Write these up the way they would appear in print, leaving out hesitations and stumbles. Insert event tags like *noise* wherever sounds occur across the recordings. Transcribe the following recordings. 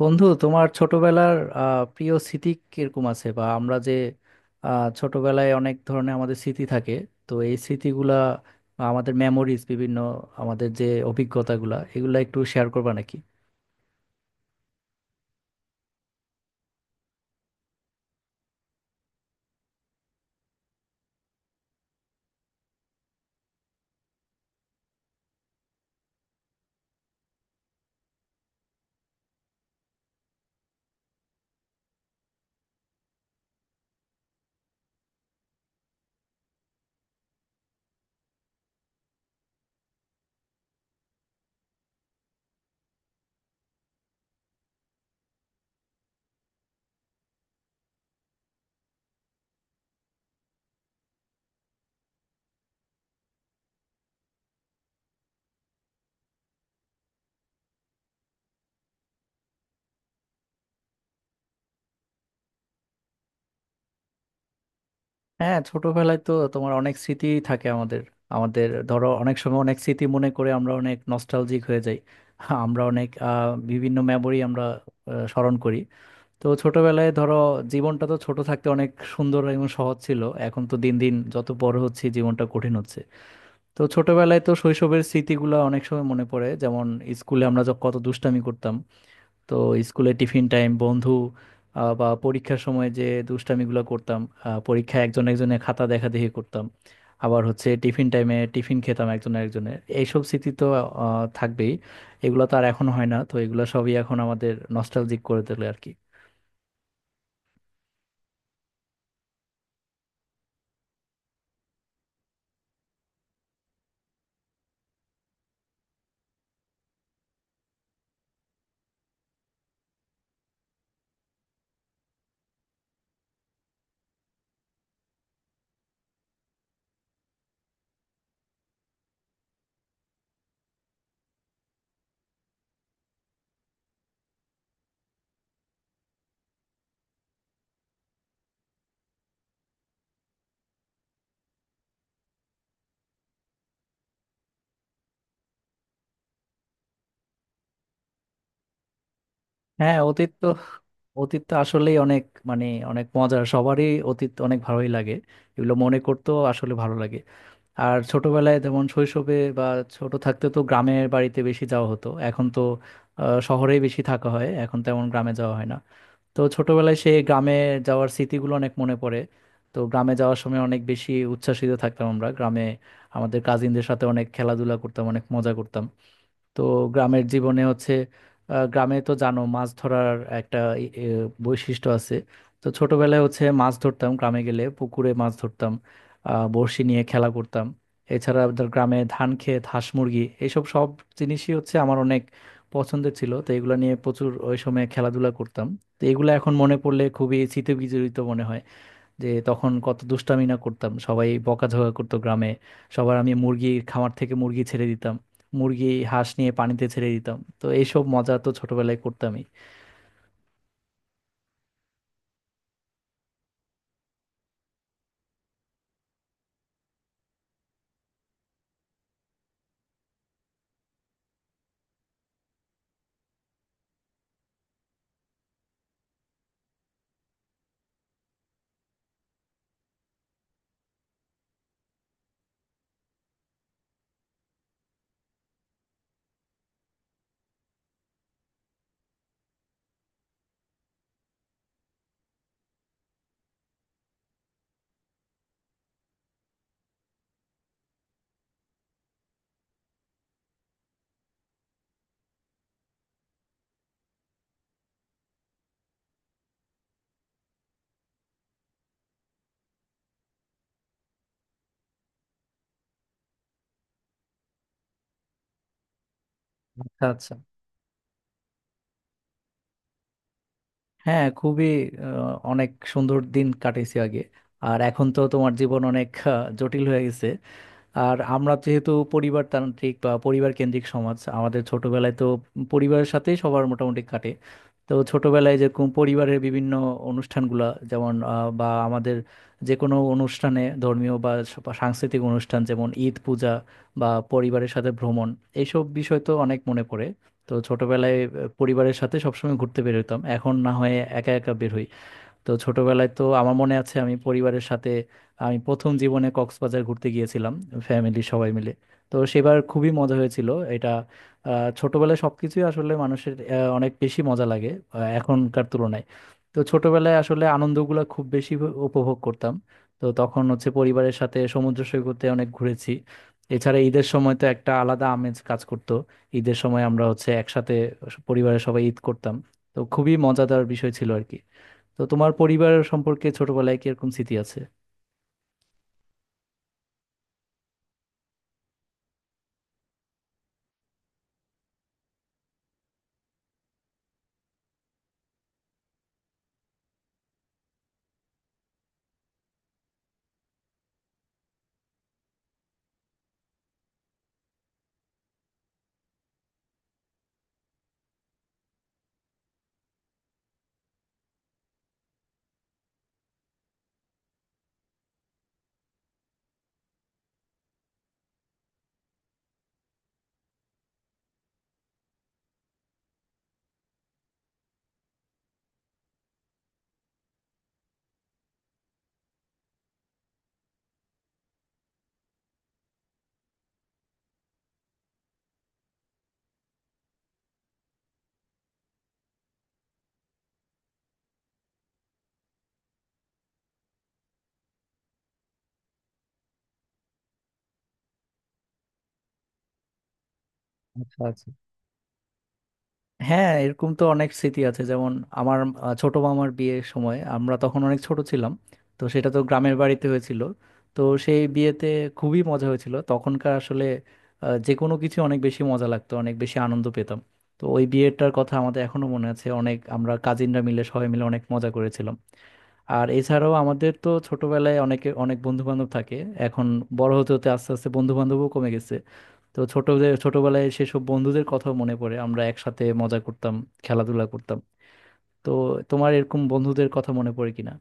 বন্ধু তোমার ছোটবেলার প্রিয় স্মৃতি কিরকম আছে? বা আমরা যে ছোটবেলায় অনেক ধরনের আমাদের স্মৃতি থাকে, তো এই স্মৃতিগুলা বা আমাদের মেমোরিজ, বিভিন্ন আমাদের যে অভিজ্ঞতাগুলা, এগুলা একটু শেয়ার করবা নাকি? হ্যাঁ, ছোটবেলায় তো তোমার অনেক স্মৃতি থাকে আমাদের। আমাদের ধরো অনেক সময় অনেক স্মৃতি মনে করে আমরা অনেক নস্টালজিক হয়ে যাই। আমরা অনেক বিভিন্ন মেমোরি আমরা স্মরণ করি। তো ছোটবেলায় ধরো জীবনটা তো ছোট থাকতে অনেক সুন্দর এবং সহজ ছিল। এখন তো দিন দিন যত বড় হচ্ছে জীবনটা কঠিন হচ্ছে। তো ছোটবেলায় তো শৈশবের স্মৃতিগুলো অনেক সময় মনে পড়ে, যেমন স্কুলে আমরা যখন কত দুষ্টামি করতাম। তো স্কুলে টিফিন টাইম বন্ধু, বা পরীক্ষার সময় যে দুষ্টামিগুলো করতাম। পরীক্ষায় একজন একজনের খাতা দেখাদেখি করতাম। আবার হচ্ছে টিফিন টাইমে টিফিন খেতাম একজন একজনের, এইসব স্মৃতি তো থাকবেই। এগুলো তো আর এখন হয় না, তো এগুলো সবই এখন আমাদের নস্টালজিক করে তোলে আর কি। হ্যাঁ, অতীত তো অতীত তো আসলেই অনেক মানে অনেক মজার, সবারই অতীত অনেক ভালোই লাগে। এগুলো মনে করতেও আসলে ভালো লাগে। আর ছোটবেলায় যেমন শৈশবে বা ছোট থাকতে তো গ্রামের বাড়িতে বেশি যাওয়া হতো, এখন তো শহরেই বেশি থাকা হয়, এখন তেমন গ্রামে যাওয়া হয় না। তো ছোটবেলায় সেই গ্রামে যাওয়ার স্মৃতিগুলো অনেক মনে পড়ে। তো গ্রামে যাওয়ার সময় অনেক বেশি উচ্ছ্বাসিত থাকতাম। আমরা গ্রামে আমাদের কাজিনদের সাথে অনেক খেলাধুলা করতাম, অনেক মজা করতাম। তো গ্রামের জীবনে হচ্ছে গ্রামে তো জানো মাছ ধরার একটা ই- এ, বৈশিষ্ট্য আছে। তো ছোটবেলায় হচ্ছে মাছ ধরতাম, গ্রামে গেলে পুকুরে মাছ ধরতাম, বড়শি নিয়ে খেলা করতাম। এছাড়া আমাদের গ্রামে ধান খেত, হাঁস মুরগি, এইসব সব জিনিসই হচ্ছে আমার অনেক পছন্দের ছিল, তো এগুলো নিয়ে প্রচুর ওই সময় খেলাধুলা করতাম। তো এগুলো এখন মনে পড়লে খুবই স্মৃতিবিজড়িত মনে হয় যে তখন কত দুষ্টামি না করতাম, সবাই বকাঝকা করতো গ্রামে সবার। আমি মুরগির খামার থেকে মুরগি ছেড়ে দিতাম, মুরগি হাঁস নিয়ে পানিতে ছেড়ে দিতাম, তো এইসব মজা তো ছোটবেলায় করতামই। আচ্ছা আচ্ছা। হ্যাঁ, খুবই অনেক সুন্দর দিন কাটিয়েছি আগে। আর এখন তো তোমার জীবন অনেক জটিল হয়ে গেছে। আর আমরা যেহেতু পরিবারতান্ত্রিক বা পরিবার কেন্দ্রিক সমাজ, আমাদের ছোটবেলায় তো পরিবারের সাথেই সবার মোটামুটি কাটে। তো ছোটবেলায় যেরকম পরিবারের বিভিন্ন অনুষ্ঠানগুলা যেমন বা আমাদের যে কোনো অনুষ্ঠানে, ধর্মীয় বা সাংস্কৃতিক অনুষ্ঠান যেমন ঈদ, পূজা বা পরিবারের সাথে ভ্রমণ, এইসব বিষয় তো অনেক মনে পড়ে। তো ছোটবেলায় পরিবারের সাথে সবসময় ঘুরতে বের হতাম, এখন না হয়ে একা একা বের হই। তো ছোটবেলায় তো আমার মনে আছে আমি পরিবারের সাথে, আমি প্রথম জীবনে কক্সবাজার ঘুরতে গিয়েছিলাম ফ্যামিলি সবাই মিলে। তো সেবার খুবই মজা হয়েছিল। এটা ছোটবেলায় সবকিছুই আসলে মানুষের অনেক বেশি মজা লাগে এখনকার তুলনায়। তো ছোটবেলায় আসলে আনন্দগুলো খুব বেশি উপভোগ করতাম। তো তখন হচ্ছে পরিবারের সাথে সমুদ্র সৈকতে অনেক ঘুরেছি। এছাড়া ঈদের সময় তো একটা আলাদা আমেজ কাজ করতো। ঈদের সময় আমরা হচ্ছে একসাথে পরিবারের সবাই ঈদ করতাম। তো খুবই মজাদার বিষয় ছিল আর কি। তো তোমার পরিবার সম্পর্কে ছোটবেলায় কি এরকম স্মৃতি আছে? আচ্ছা আচ্ছা। হ্যাঁ, এরকম তো অনেক স্মৃতি আছে, যেমন আমার ছোট মামার বিয়ের সময় আমরা তখন অনেক ছোট ছিলাম। তো সেটা তো গ্রামের বাড়িতে হয়েছিল। তো সেই বিয়েতে খুবই মজা হয়েছিল। তখনকার আসলে যে কোনো কিছু অনেক বেশি মজা লাগতো, অনেক বেশি আনন্দ পেতাম। তো ওই বিয়েটার কথা আমাদের এখনো মনে আছে, অনেক আমরা কাজিনরা মিলে সবাই মিলে অনেক মজা করেছিলাম। আর এছাড়াও আমাদের তো ছোটবেলায় অনেকে অনেক বন্ধু বান্ধব থাকে। এখন বড় হতে হতে আস্তে আস্তে বন্ধু বান্ধবও কমে গেছে। তো ছোটদের ছোটবেলায় সেসব বন্ধুদের কথা মনে পড়ে, আমরা একসাথে মজা করতাম, খেলাধুলা করতাম। তো তোমার এরকম বন্ধুদের কথা মনে পড়ে কিনা?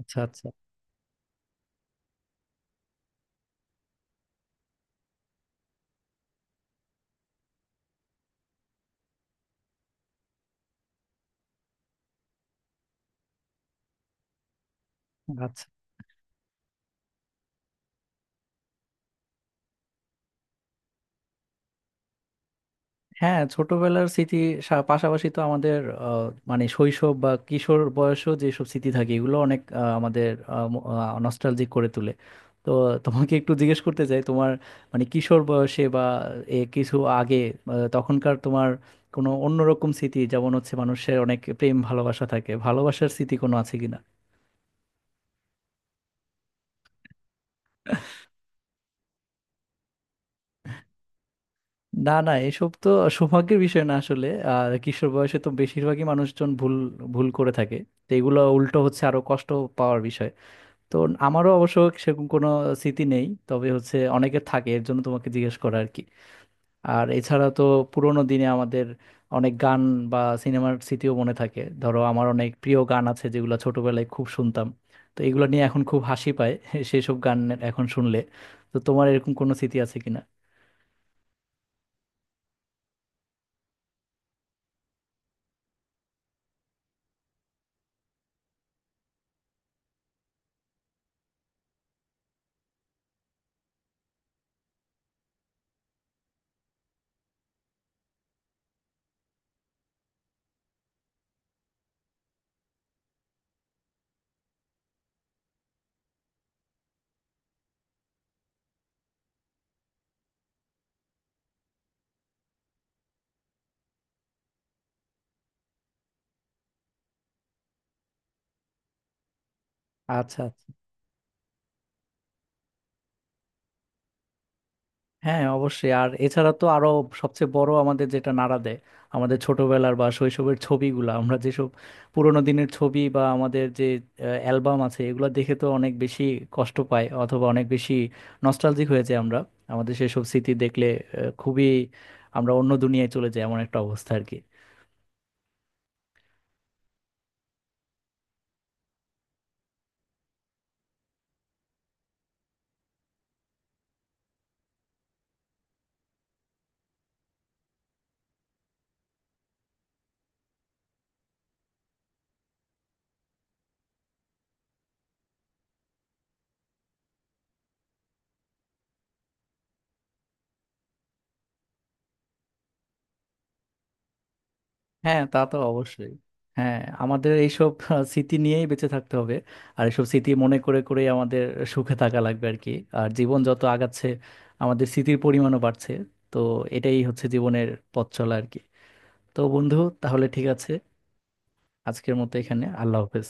আচ্ছা আচ্ছা আচ্ছা। হ্যাঁ, ছোটবেলার স্মৃতি পাশাপাশি তো আমাদের আহ, মানে শৈশব বা কিশোর বয়সেও যেসব স্মৃতি থাকে এগুলো অনেক আমাদের নস্টালজিক করে তোলে। তো তোমাকে একটু জিজ্ঞেস করতে চাই, তোমার মানে কিশোর বয়সে বা এ কিছু আগে তখনকার তোমার কোনো অন্যরকম স্মৃতি, যেমন হচ্ছে মানুষের অনেক প্রেম ভালোবাসা থাকে, ভালোবাসার স্মৃতি কোনো আছে কিনা? না না, এসব তো সৌভাগ্যের বিষয় না আসলে। আর কিশোর বয়সে তো বেশিরভাগই মানুষজন ভুল ভুল করে থাকে। তো এগুলো উল্টো হচ্ছে আরো কষ্ট পাওয়ার বিষয়। তো আমারও অবশ্য সেরকম কোনো স্মৃতি নেই, তবে হচ্ছে অনেকের থাকে এর জন্য তোমাকে জিজ্ঞেস করা আর কি। আর এছাড়া তো পুরোনো দিনে আমাদের অনেক গান বা সিনেমার স্মৃতিও মনে থাকে। ধরো আমার অনেক প্রিয় গান আছে যেগুলো ছোটবেলায় খুব শুনতাম, তো এগুলো নিয়ে এখন খুব হাসি পায় *laughs* সেসব গান এখন শুনলে। তো তোমার এরকম কোনো স্মৃতি আছে কিনা? আচ্ছা আচ্ছা। হ্যাঁ, অবশ্যই। আর এছাড়া তো আরো সবচেয়ে বড় আমাদের যেটা নাড়া দেয়, আমাদের ছোটবেলার বা শৈশবের ছবিগুলো, আমরা যেসব পুরোনো দিনের ছবি বা আমাদের যে অ্যালবাম আছে এগুলো দেখে তো অনেক বেশি কষ্ট পাই, অথবা অনেক বেশি নস্টালজিক হয়ে যাই আমরা। আমাদের সেসব স্মৃতি দেখলে খুবই আমরা অন্য দুনিয়ায় চলে যাই, এমন একটা অবস্থা আর কি। হ্যাঁ, তা তো অবশ্যই। হ্যাঁ, আমাদের এইসব স্মৃতি নিয়েই বেঁচে থাকতে হবে। আর এইসব স্মৃতি মনে করে করে আমাদের সুখে থাকা লাগবে আর কি। আর জীবন যত আগাচ্ছে আমাদের স্মৃতির পরিমাণও বাড়ছে। তো এটাই হচ্ছে জীবনের পথ চলা আর কি। তো বন্ধু, তাহলে ঠিক আছে, আজকের মতো এখানে আল্লাহ হাফেজ।